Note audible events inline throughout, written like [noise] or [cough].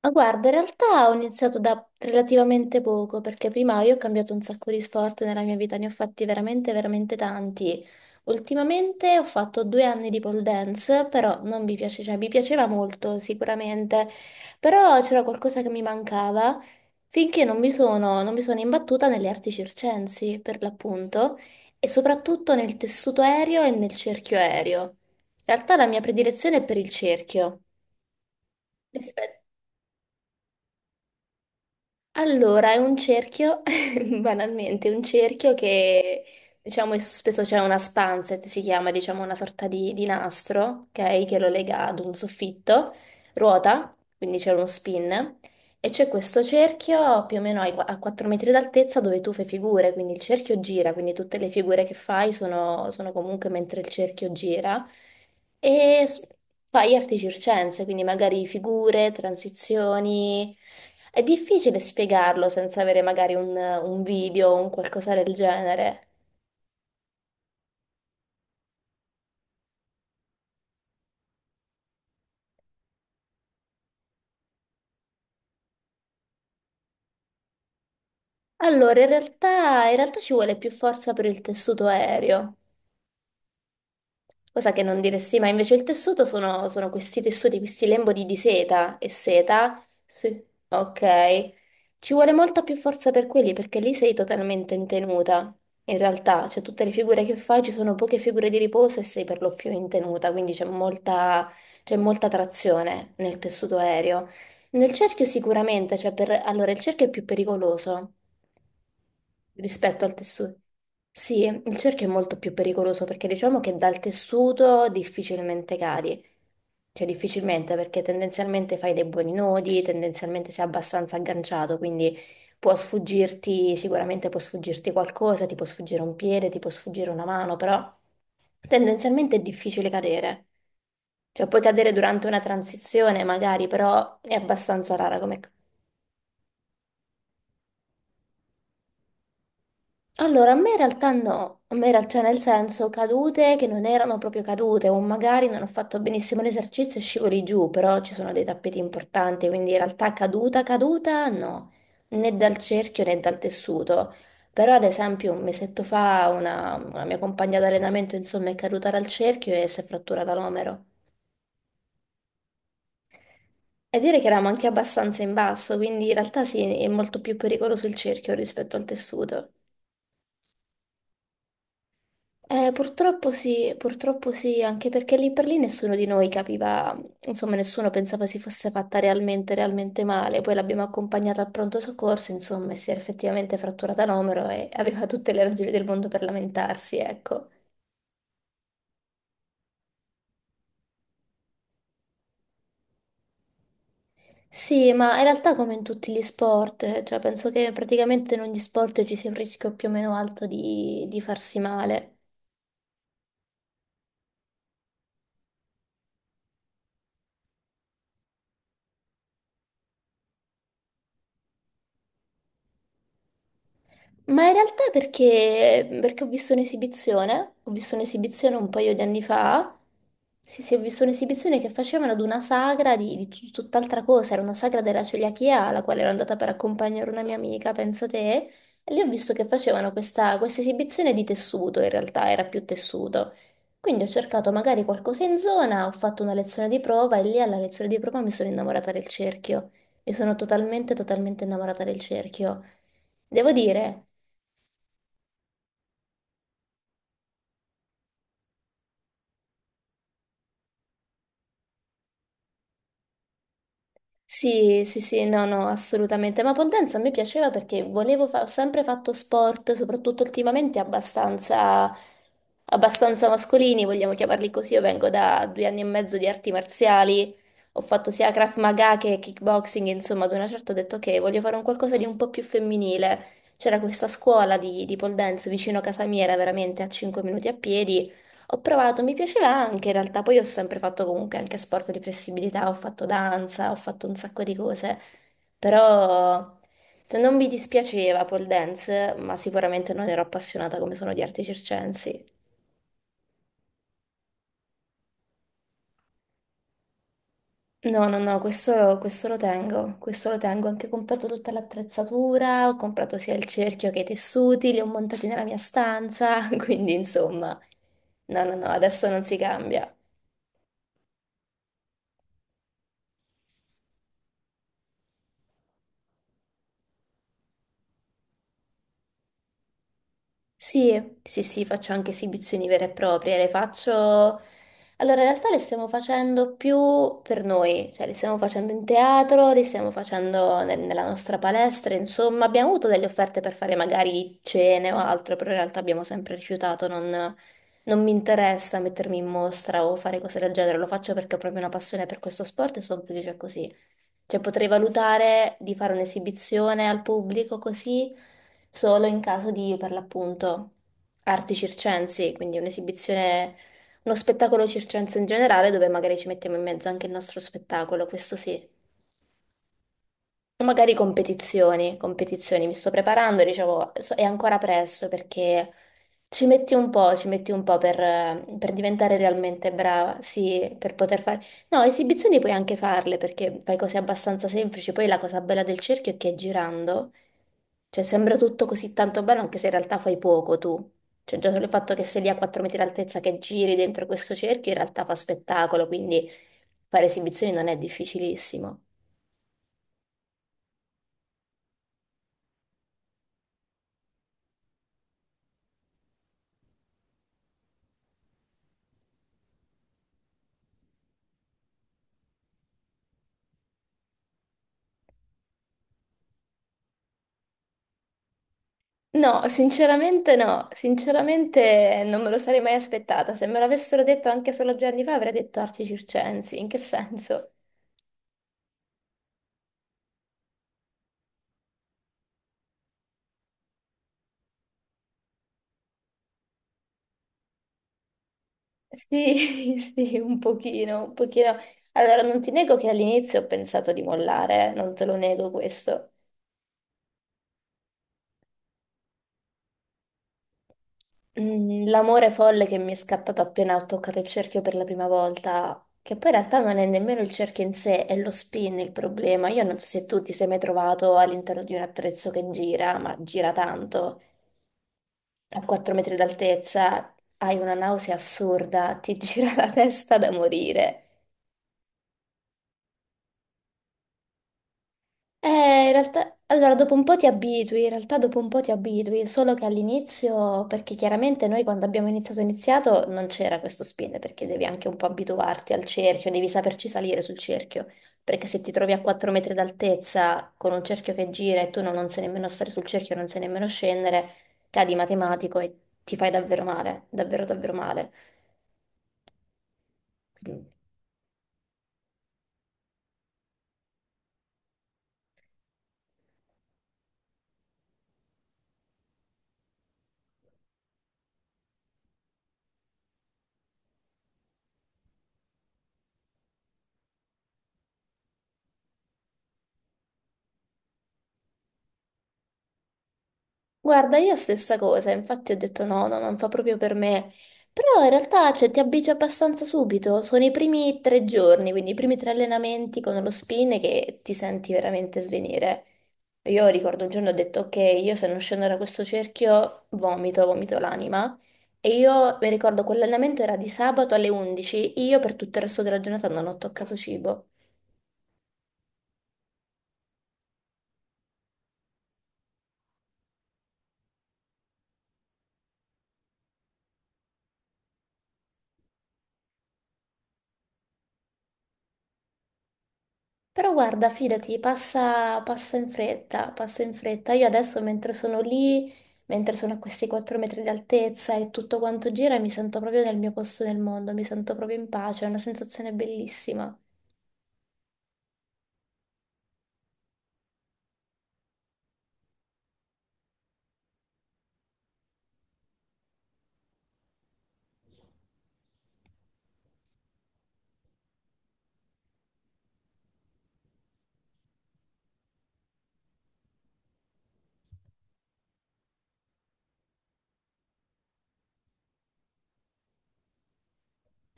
Ma guarda, in realtà ho iniziato da relativamente poco, perché prima io ho cambiato un sacco di sport nella mia vita, ne ho fatti veramente, veramente tanti. Ultimamente ho fatto 2 anni di pole dance, però non mi piace, cioè mi piaceva molto sicuramente, però c'era qualcosa che mi mancava finché non mi sono imbattuta nelle arti circensi, per l'appunto, e soprattutto nel tessuto aereo e nel cerchio aereo. In realtà la mia predilezione è per il cerchio. Allora, è un cerchio, [laughs] banalmente, un cerchio che diciamo è sospeso, c'è una spancet, si chiama diciamo una sorta di, nastro, ok? Che lo lega ad un soffitto, ruota, quindi c'è uno spin. E c'è questo cerchio più o meno a 4 metri d'altezza dove tu fai figure, quindi il cerchio gira, quindi tutte le figure che fai sono comunque mentre il cerchio gira. E s- fai arti circense, quindi magari figure, transizioni. È difficile spiegarlo senza avere magari un video o un qualcosa del genere. Allora, in realtà ci vuole più forza per il tessuto aereo. Cosa che non diresti mai. Invece il tessuto sono questi tessuti, questi lembodi di seta e seta. Sì. Ok. Ci vuole molta più forza per quelli perché lì sei totalmente in tenuta. In realtà, cioè tutte le figure che fai ci sono poche figure di riposo e sei per lo più in tenuta, quindi c'è molta trazione nel tessuto aereo. Nel cerchio sicuramente, cioè allora il cerchio è più pericoloso rispetto al tessuto. Sì, il cerchio è molto più pericoloso perché diciamo che dal tessuto difficilmente cadi, cioè difficilmente perché tendenzialmente fai dei buoni nodi, tendenzialmente sei abbastanza agganciato, quindi può sfuggirti, sicuramente può sfuggirti qualcosa, ti può sfuggire un piede, ti può sfuggire una mano, però tendenzialmente è difficile cadere. Cioè puoi cadere durante una transizione magari, però è abbastanza rara. Allora, a me in realtà no, a me in realtà nel senso cadute che non erano proprio cadute o magari non ho fatto benissimo l'esercizio e scivoli giù, però ci sono dei tappeti importanti, quindi in realtà caduta, caduta no, né dal cerchio né dal tessuto. Però ad esempio un mesetto fa una, mia compagna d'allenamento insomma è caduta dal cerchio e si è fratturata l'omero. E dire che eravamo anche abbastanza in basso, quindi in realtà sì, è molto più pericoloso il cerchio rispetto al tessuto. Purtroppo sì, anche perché lì per lì nessuno di noi capiva, insomma, nessuno pensava si fosse fatta realmente, realmente male. Poi l'abbiamo accompagnata al pronto soccorso, insomma, e si era effettivamente fratturata l'omero e [laughs] aveva tutte le ragioni del mondo per lamentarsi, ecco. Sì, ma in realtà come in tutti gli sport, cioè penso che praticamente in ogni sport ci sia un rischio più o meno alto di, farsi male. Ma in realtà perché ho visto un'esibizione un paio di anni fa. Sì sì, ho visto un'esibizione che facevano ad una sagra di tutt'altra cosa, era una sagra della celiachia alla quale ero andata per accompagnare una mia amica, pensa te, e lì ho visto che facevano questa esibizione di tessuto, in realtà era più tessuto. Quindi ho cercato magari qualcosa in zona, ho fatto una lezione di prova e lì alla lezione di prova mi sono innamorata del cerchio, mi sono totalmente, totalmente innamorata del cerchio. Devo dire. Sì, sì, sì, no, no, assolutamente. Ma pole dance a me piaceva perché ho sempre fatto sport, soprattutto ultimamente abbastanza, mascolini, vogliamo chiamarli così. Io vengo da 2 anni e mezzo di arti marziali, ho fatto sia Krav Maga che kickboxing, insomma, ad una certa ho detto che voglio fare un qualcosa di un po' più femminile. C'era questa scuola di pole dance vicino a casa mia, era veramente a 5 minuti a piedi. Ho provato, mi piaceva anche in realtà, poi ho sempre fatto comunque anche sport di flessibilità, ho fatto danza, ho fatto un sacco di cose, però cioè, non mi dispiaceva pole dance, ma sicuramente non ero appassionata come sono di arti circensi. No, no, no, questo lo tengo, questo lo tengo, ho anche comprato tutta l'attrezzatura, ho comprato sia il cerchio che i tessuti, li ho montati nella mia stanza, [laughs] quindi insomma, no, no, no, adesso non si cambia. Sì, sì, sì, faccio anche esibizioni vere e proprie, le faccio. Allora, in realtà le stiamo facendo più per noi, cioè le stiamo facendo in teatro, le stiamo facendo nella nostra palestra, insomma, abbiamo avuto delle offerte per fare magari cene o altro, però in realtà abbiamo sempre rifiutato, non mi interessa mettermi in mostra o fare cose del genere, lo faccio perché ho proprio una passione per questo sport e sono felice così. Cioè potrei valutare di fare un'esibizione al pubblico così solo in caso di, per l'appunto, arti circensi, quindi un'esibizione, uno spettacolo circense in generale dove magari ci mettiamo in mezzo anche il nostro spettacolo, questo sì. Magari competizioni, competizioni, mi sto preparando, dicevo, è ancora presto perché ci metti un po', ci metti un po' per diventare realmente brava, sì, per poter fare. No, esibizioni puoi anche farle perché fai cose abbastanza semplici, poi la cosa bella del cerchio è che girando, cioè sembra tutto così tanto bello anche se in realtà fai poco tu, cioè già solo il fatto che sei lì a 4 metri d'altezza che giri dentro questo cerchio in realtà fa spettacolo, quindi fare esibizioni non è difficilissimo. No, sinceramente no, sinceramente non me lo sarei mai aspettata. Se me l'avessero detto anche solo 2 anni fa avrei detto arti circensi, in che senso? Sì, [laughs] sì, un pochino, un pochino. Allora, non ti nego che all'inizio ho pensato di mollare, non te lo nego questo. L'amore folle che mi è scattato appena ho toccato il cerchio per la prima volta, che poi in realtà non è nemmeno il cerchio in sé, è lo spin il problema. Io non so se tu ti sei mai trovato all'interno di un attrezzo che gira, ma gira tanto. A 4 metri d'altezza, hai una nausea assurda, ti [laughs] gira la testa da morire. Eh, in realtà, allora dopo un po' ti abitui, in realtà dopo un po' ti abitui, solo che all'inizio, perché chiaramente noi quando abbiamo iniziato iniziato non c'era questo spin, perché devi anche un po' abituarti al cerchio, devi saperci salire sul cerchio, perché se ti trovi a 4 metri d'altezza con un cerchio che gira e tu non, sai nemmeno stare sul cerchio, non sai nemmeno scendere, cadi matematico e ti fai davvero male, davvero davvero male. Guarda, io stessa cosa, infatti ho detto no, no, non fa proprio per me. Però in realtà, cioè, ti abitui abbastanza subito. Sono i primi 3 giorni, quindi i primi 3 allenamenti con lo spin che ti senti veramente svenire. Io ricordo un giorno ho detto, ok, io se non scendo da questo cerchio vomito, vomito l'anima. E io mi ricordo quell'allenamento era di sabato alle 11, io per tutto il resto della giornata non ho toccato cibo. Però guarda, fidati, passa, passa in fretta, passa in fretta. Io adesso mentre sono lì, mentre sono a questi 4 metri di altezza e tutto quanto gira, mi sento proprio nel mio posto nel mondo, mi sento proprio in pace, è una sensazione bellissima.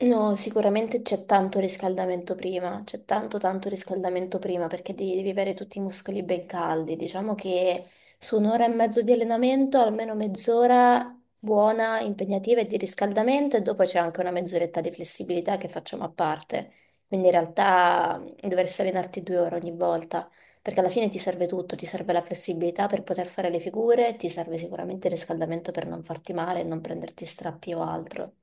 No, sicuramente c'è tanto riscaldamento prima, c'è tanto tanto riscaldamento prima perché devi, avere tutti i muscoli ben caldi. Diciamo che su un'ora e mezzo di allenamento, almeno mezz'ora buona, impegnativa e di riscaldamento e dopo c'è anche una mezz'oretta di flessibilità che facciamo a parte. Quindi in realtà dovresti allenarti 2 ore ogni volta perché alla fine ti serve tutto, ti serve la flessibilità per poter fare le figure, ti serve sicuramente il riscaldamento per non farti male e non prenderti strappi o altro.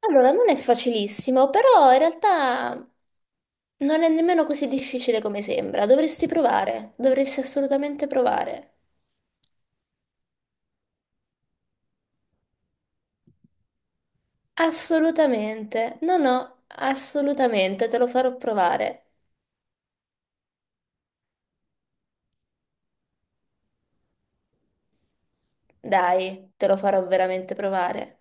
Allora, non è facilissimo, però in realtà non è nemmeno così difficile come sembra. Dovresti provare, dovresti assolutamente provare. Assolutamente, no, no, assolutamente, te lo farò provare. Dai, te lo farò veramente provare.